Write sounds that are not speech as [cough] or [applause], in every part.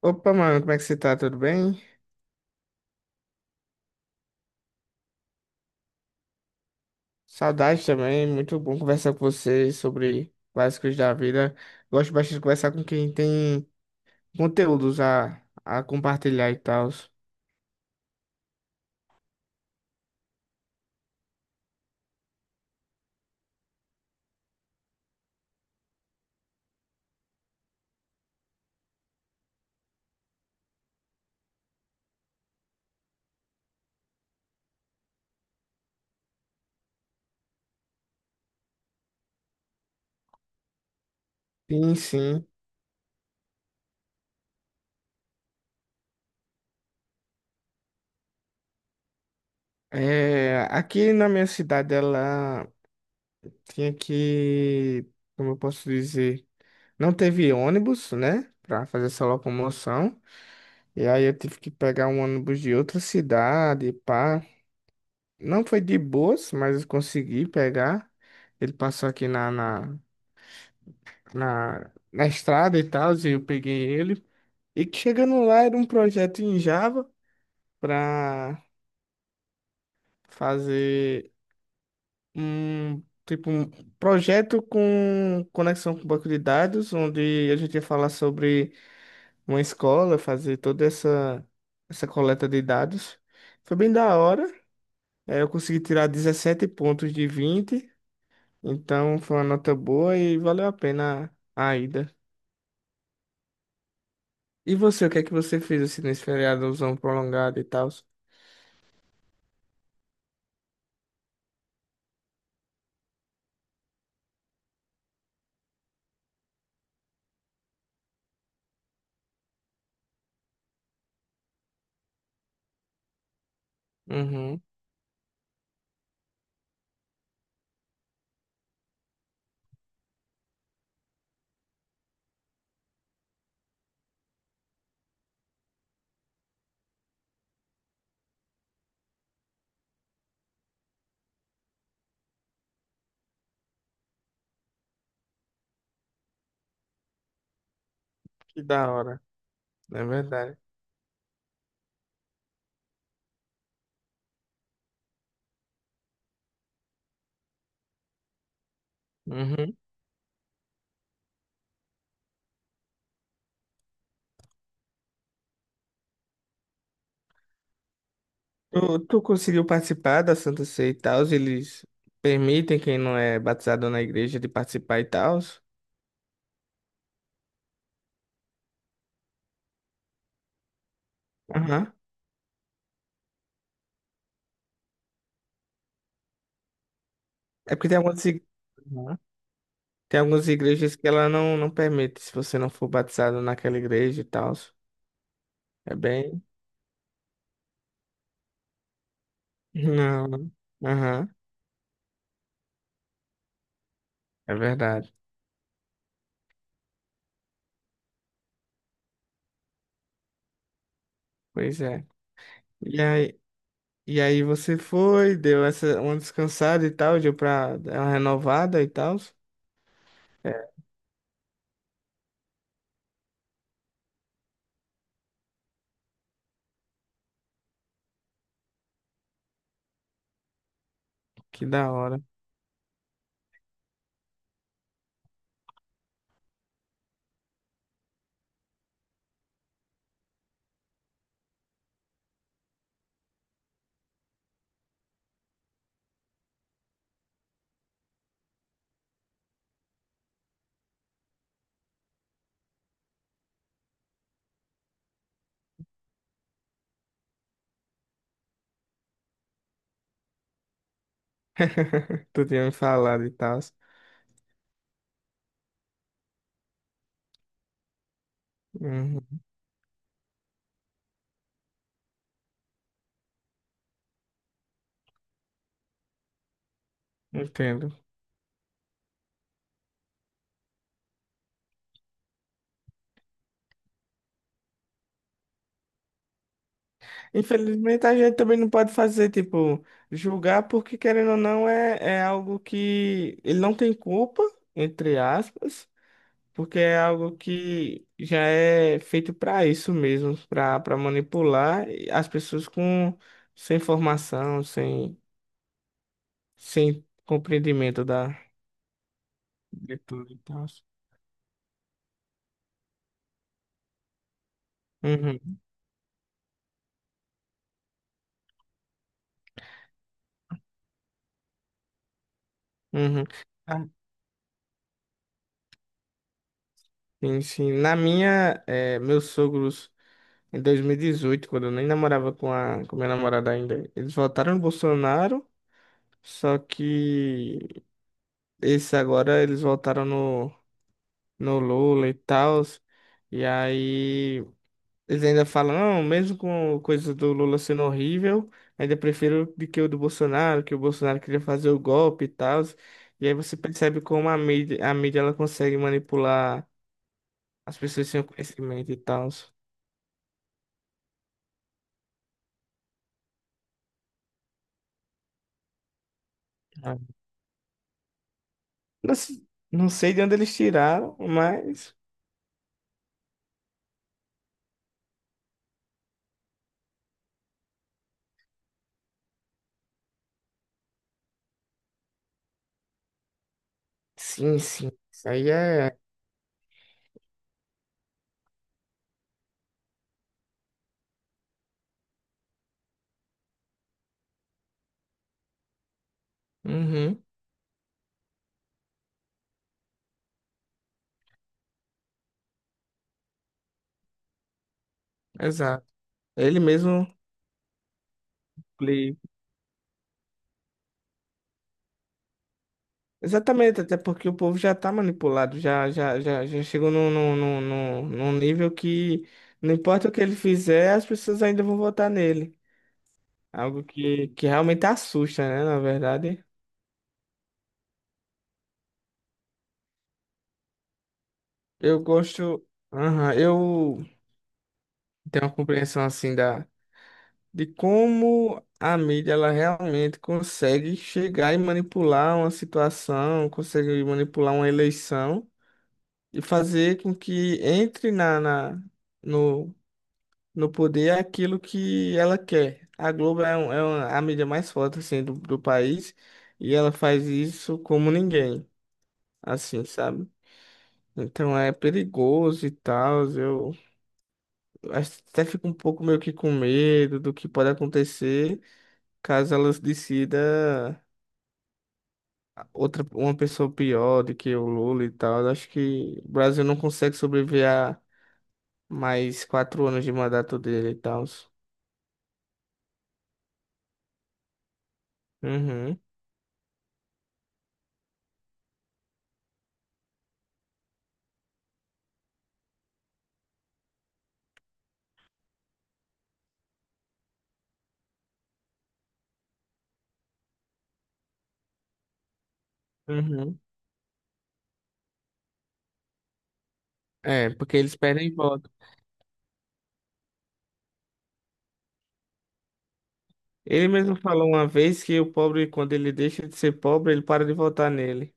Opa, mano, como é que você tá? Tudo bem? Saudade também, muito bom conversar com você sobre várias coisas da vida. Gosto bastante de conversar com quem tem conteúdos a compartilhar e tal. Sim, sim. É, aqui na minha cidade, ela tinha que, como eu posso dizer, não teve ônibus, né, pra fazer essa locomoção. E aí eu tive que pegar um ônibus de outra cidade, pá. Não foi de boas, mas eu consegui pegar. Ele passou aqui na estrada e tal, e eu peguei ele. E que chegando lá era um projeto em Java para fazer um tipo um projeto com conexão com banco de dados, onde a gente ia falar sobre uma escola, fazer toda essa coleta de dados. Foi bem da hora. Eu consegui tirar 17 pontos de 20. Então foi uma nota boa e valeu a pena a ida. E você, o que é que você fez assim nesse feriadozão prolongado e tal? Uhum, que da hora, é verdade. Uhum. Tu, tu conseguiu participar da Santa Ceia e tal? Eles permitem quem não é batizado na igreja de participar e tal? Aham. É porque tem algumas. Tem algumas igrejas que ela não permite, se você não for batizado naquela igreja e tal. É bem. Não. Não. Aham. É verdade. Pois é. E aí, e aí você foi, deu essa uma descansada e tal, deu pra dar uma renovada e tal. É, que da hora. [laughs] Tu tinha me falado e tal. Uhum, entendo. Infelizmente a gente também não pode fazer, tipo, julgar porque querendo ou não é, é algo que ele não tem culpa, entre aspas. Porque é algo que já é feito para isso mesmo, para manipular as pessoas com sem formação, sem sem compreendimento da de tudo e tal. Uhum, uhum. Ah, sim, sim. Na minha, meus sogros em 2018, quando eu nem namorava com a com minha namorada ainda, eles votaram no Bolsonaro, só que esse agora eles votaram no Lula e tal. E aí eles ainda falam, não, mesmo com coisa do Lula sendo horrível, ainda prefiro do que o do Bolsonaro, que o Bolsonaro queria fazer o golpe e tal. E aí você percebe como a mídia ela consegue manipular as pessoas sem o conhecimento e tal. Ah, não, não sei de onde eles tiraram, mas sim, sim. Isso aí é. Uhum, exato. Ele mesmo. Exatamente, até porque o povo já está manipulado, já chegou num nível que não importa o que ele fizer, as pessoas ainda vão votar nele. Algo que realmente assusta, né? Na verdade, eu gosto. Aham, eu tenho uma compreensão assim da, de como a mídia ela realmente consegue chegar e manipular uma situação, consegue manipular uma eleição e fazer com que entre no no poder é aquilo que ela quer. A Globo é, é a mídia mais forte assim do país e ela faz isso como ninguém, assim, sabe? Então é perigoso e tal. Eu até fico um pouco meio que com medo do que pode acontecer caso ela decida outra uma pessoa pior do que o Lula e tal. Eu acho que o Brasil não consegue sobreviver a mais 4 anos de mandato dele e tal. Uhum, uhum. É, porque eles perdem voto. Ele mesmo falou uma vez que o pobre, quando ele deixa de ser pobre, ele para de votar nele.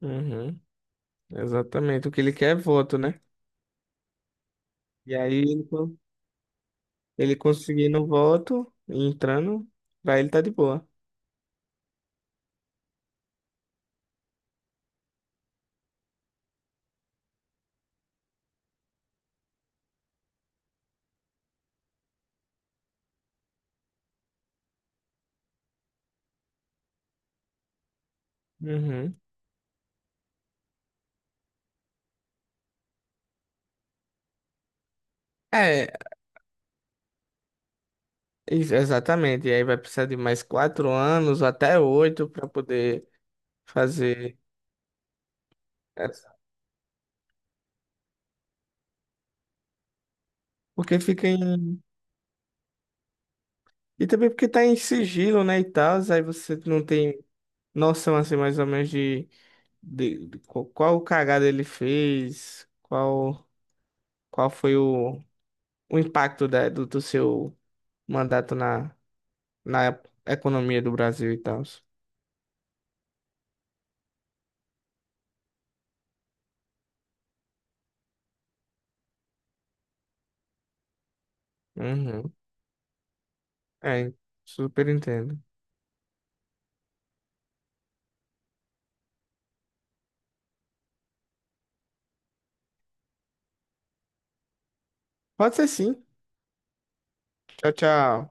Uhum, exatamente. O que ele quer é voto, né? E aí ele, ele conseguindo voto, entrando, pra ele tá de boa. Uhum. É, exatamente. E aí vai precisar de mais 4 anos, até 8, para poder fazer. Essa. Porque fica em. E também porque tá em sigilo, né? E tal, aí você não tem noção assim mais ou menos de. De qual, qual cagada ele fez, qual, qual foi o impacto do, do seu mandato na economia do Brasil e tal. Uhum. É, super entendo. Pode ser sim. Tchau, tchau.